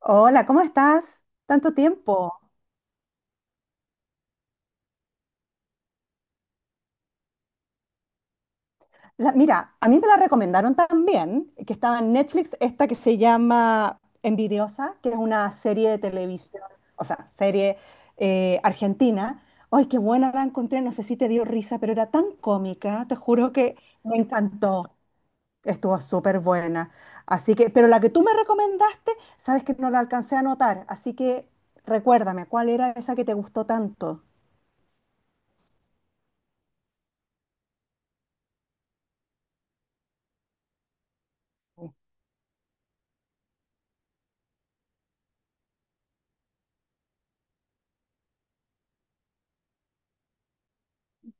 Hola, ¿cómo estás? Tanto tiempo. Mira, a mí me la recomendaron también, que estaba en Netflix, esta que se llama Envidiosa, que es una serie de televisión, o sea, serie argentina. Ay, qué buena la encontré, no sé si te dio risa, pero era tan cómica, te juro que me encantó. Estuvo súper buena. Así que, pero la que tú me recomendaste, sabes que no la alcancé a anotar, así que recuérdame, ¿cuál era esa que te gustó tanto?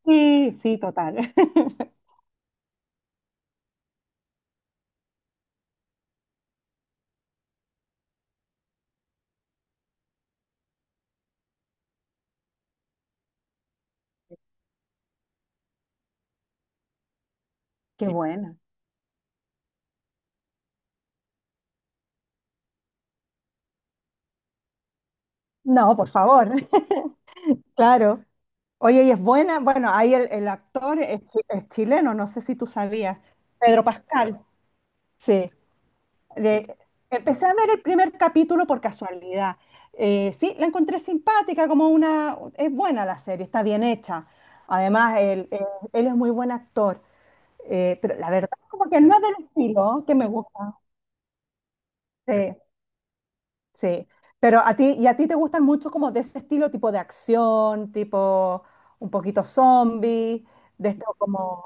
Sí, sí, total. Qué buena. No, por favor, claro. Oye, y es buena, bueno, ahí el actor es, es chileno, no sé si tú sabías, Pedro Pascal, sí. Le- Empecé a ver el primer capítulo por casualidad. Sí, la encontré simpática, como una. Es buena la serie, está bien hecha. Además, él es muy buen actor. Pero la verdad como que no es del estilo que me gusta. Sí. Sí, pero a ti, y a ti te gustan mucho como de ese estilo, tipo de acción, tipo un poquito zombie, de esto como,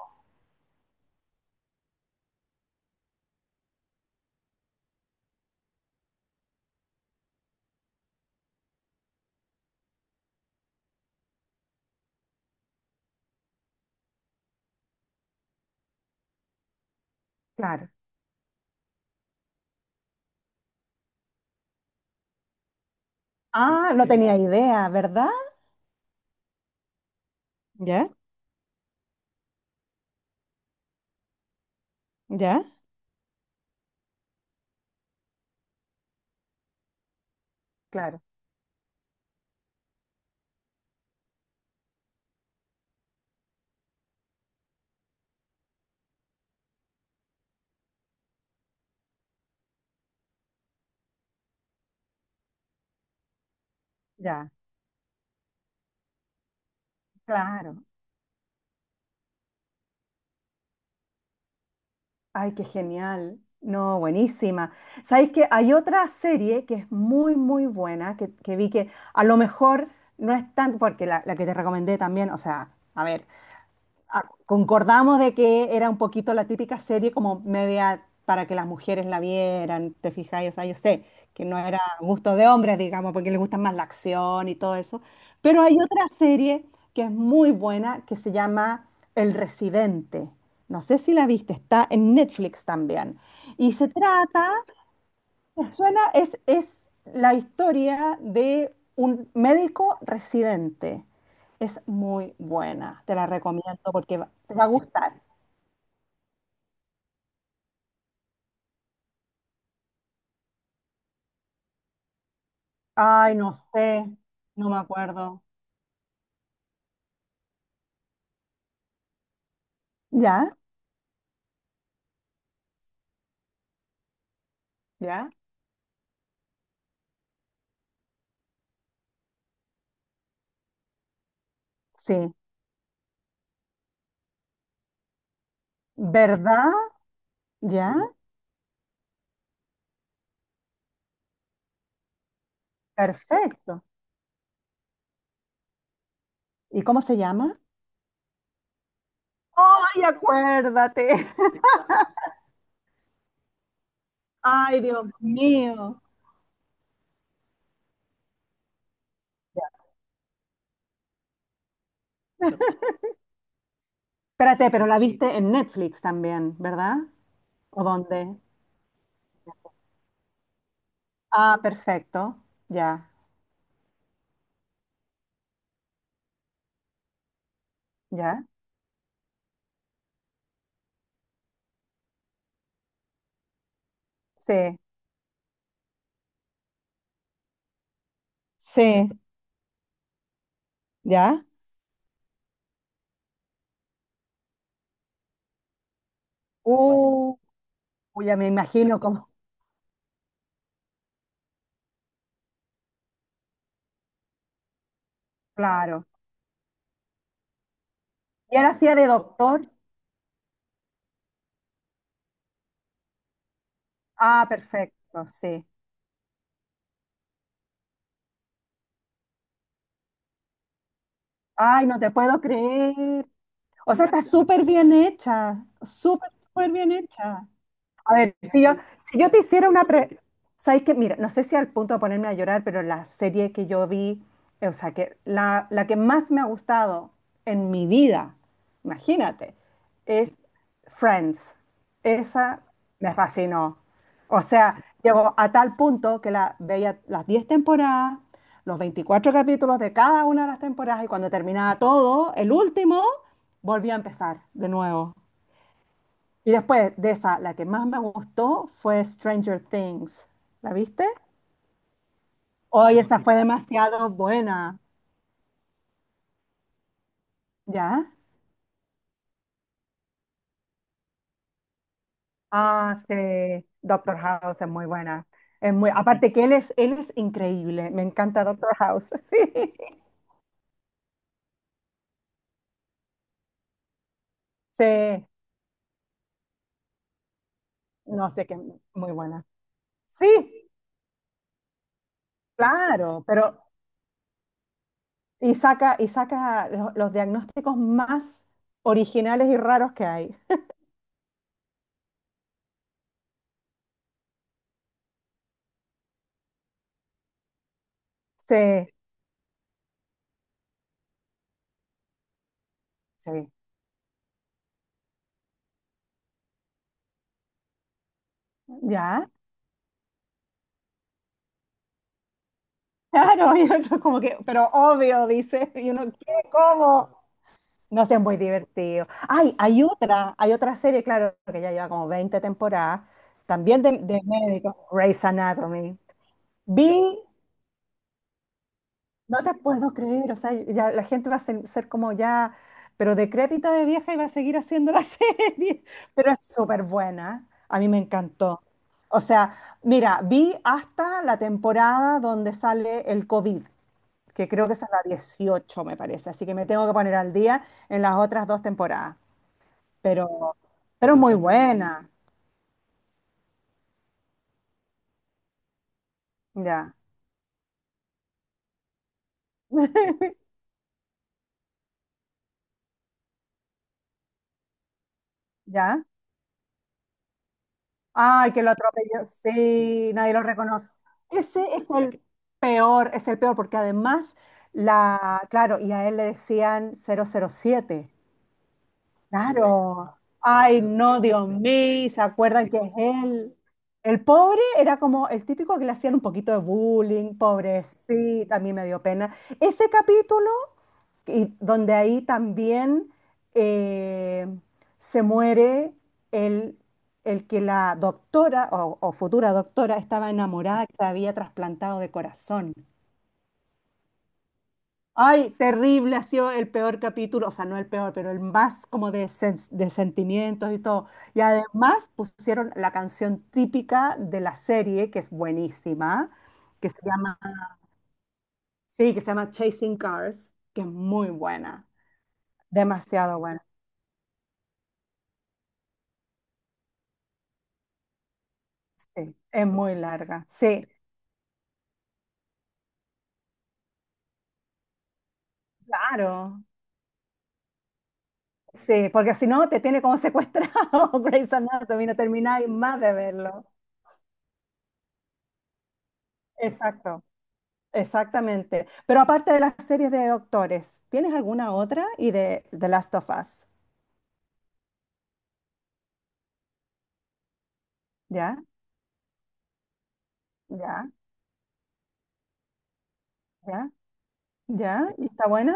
claro. Ah, no. Sí, tenía idea, ¿verdad? ¿Ya? ¿Ya? Claro, ya, claro. Ay, qué genial. No, buenísima. Sabéis que hay otra serie que es muy, muy buena, que vi que a lo mejor no es tan, porque la que te recomendé también, o sea, a ver, ah, concordamos de que era un poquito la típica serie como media para que las mujeres la vieran, te fijáis, o sea, yo sé que no era gusto de hombres, digamos, porque les gusta más la acción y todo eso, pero hay otra serie que es muy buena que se llama El Residente. No sé si la viste, está en Netflix también. Y se trata, me suena, es la historia de un médico residente. Es muy buena, te la recomiendo porque te va a gustar. Ay, no sé, no me acuerdo. ¿Ya? ¿Ya? Sí. ¿Verdad? ¿Ya? Sí. Perfecto. ¿Y cómo se llama? Ay, acuérdate. Ay, Dios mío. Ya. Espérate, pero la viste en Netflix también, ¿verdad? ¿O dónde? Ah, perfecto. Ya, ya. Sí. Sí, ¿ya? Uh, ya me imagino cómo, claro. Y él hacía de doctor. Ah, perfecto, sí. Ay, no te puedo creer. O sea, está súper bien hecha, súper, súper bien hecha. A ver, si yo te hiciera una pre... ¿Sabes qué? Mira, no sé si al punto de ponerme a llorar, pero la serie que yo vi, o sea, que la que más me ha gustado en mi vida, imagínate, es Friends. Esa me fascinó. O sea, llegó a tal punto que la veía las 10 temporadas, los 24 capítulos de cada una de las temporadas, y cuando terminaba todo, el último, volvía a empezar de nuevo. Y después de esa, la que más me gustó fue Stranger Things. ¿La viste? Hoy esa fue demasiado buena, ¿ya? Ah, sí, Doctor House es muy buena. Es muy, aparte que él es increíble. Me encanta Doctor House. Sí, sí, no sé qué, muy buena. Sí, claro, pero y saca los diagnósticos más originales y raros que hay. Sí, sí, ¿ya? Claro, y otro como que, pero obvio, dice, y uno, ¿qué? ¿Cómo? No sé, es muy divertido. Ay, hay otra serie, claro, que ya lleva como 20 temporadas, también de médicos, Grey's Anatomy. Vi, no te puedo creer, o sea, ya la gente va a ser como ya, pero decrépita de vieja y va a seguir haciendo la serie, pero es súper buena, a mí me encantó. O sea, mira, vi hasta la temporada donde sale el COVID, que creo que es a la 18, me parece. Así que me tengo que poner al día en las otras dos temporadas. Pero, pero muy buena. Ya, ya. Ay, que lo atropelló. Sí, nadie lo reconoce. Ese es el peor, porque además, claro, y a él le decían 007. Claro. Ay, no, Dios mío, ¿se acuerdan que es él? El pobre era como el típico que le hacían un poquito de bullying, pobrecito, a mí me dio pena. Ese capítulo, y donde ahí también eh, se muere el, el que la doctora o futura doctora estaba enamorada, que se había trasplantado de corazón. Ay, terrible, ha sido el peor capítulo, o sea, no el peor, pero el más como de sentimientos y todo. Y además pusieron la canción típica de la serie, que es buenísima, que se llama, sí, que se llama Chasing Cars, que es muy buena, demasiado buena, sí, es muy larga, sí, claro, sí, porque si no te tiene como secuestrado Grey's Anatomy, no termináis más de verlo. Exacto. Exactamente. Pero aparte de las series de doctores, ¿tienes alguna otra? Y de The Last of Us. ¿Ya? ¿Ya? ¿Ya? ¿Ya? ¿Y está buena?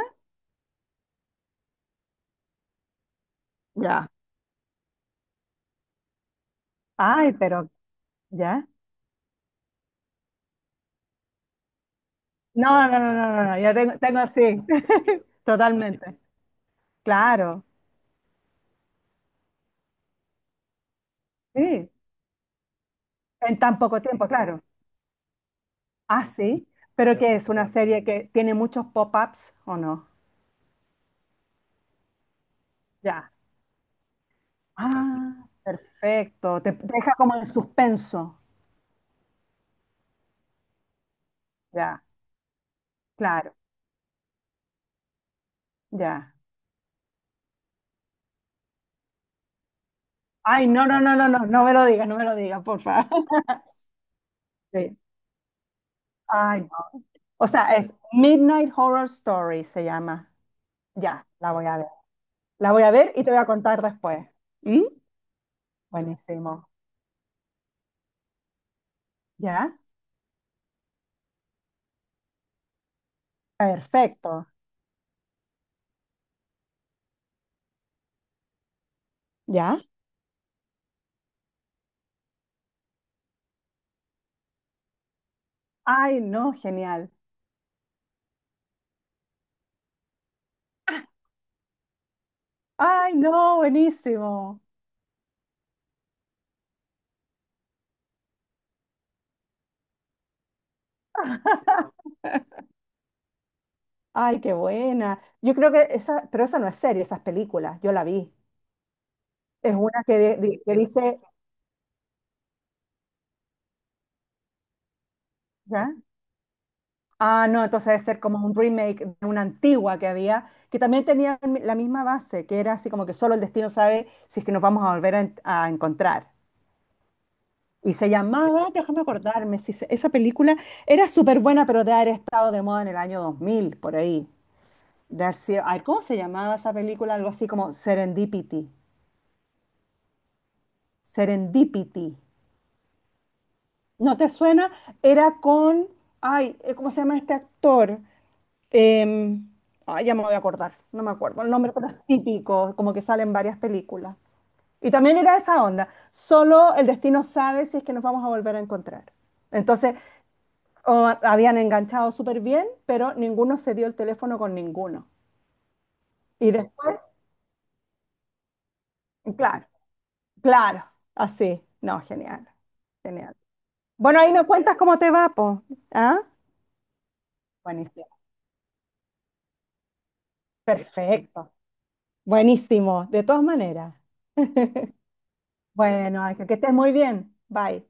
Ya. Ay, pero ¿ya? No, no, no, no, no, no, ya tengo, sí. Totalmente. Claro. Sí. En tan poco tiempo, claro. Ah, sí. Pero que es una serie que tiene muchos pop-ups o no. Ya. Ah, perfecto. Te deja como en suspenso. Ya. Claro. Ya. Ay, no, no, no, no, no, no me lo digas, no me lo digas, por favor. Sí. Ay, no. O sea, es Midnight Horror Story, se llama. Ya, la voy a ver. La voy a ver y te voy a contar después. ¿Mm? Buenísimo. ¿Ya? Perfecto. ¿Ya? Ay, no, genial. Ay, no, buenísimo. Ay, qué buena. Yo creo que esa, pero esa no es serie, esas películas, yo la vi. Es una que, que dice, ¿ya? Ah, no, entonces debe ser como un remake de una antigua que había, que también tenía la misma base, que era así como que solo el destino sabe si es que nos vamos a volver a encontrar. Y se llamaba, déjame acordarme, si se- esa película era súper buena, pero de haber estado de moda en el año 2000 por ahí. Ay, ¿cómo se llamaba esa película? Algo así como Serendipity. Serendipity. ¿No te suena? Era con, ay, ¿cómo se llama este actor? Eh, Ay, ya me voy a acordar, no me acuerdo el nombre, pero es típico, como que salen varias películas. Y también era esa onda, solo el destino sabe si es que nos vamos a volver a encontrar. Entonces, habían enganchado súper bien, pero ninguno se dio el teléfono con ninguno. Y después, claro, claro, así. No, genial, genial. Bueno, ahí me cuentas cómo te va, po. ¿Ah? Buenísimo. Perfecto. Buenísimo, de todas maneras. Bueno, Ángel, que estés muy bien. Bye.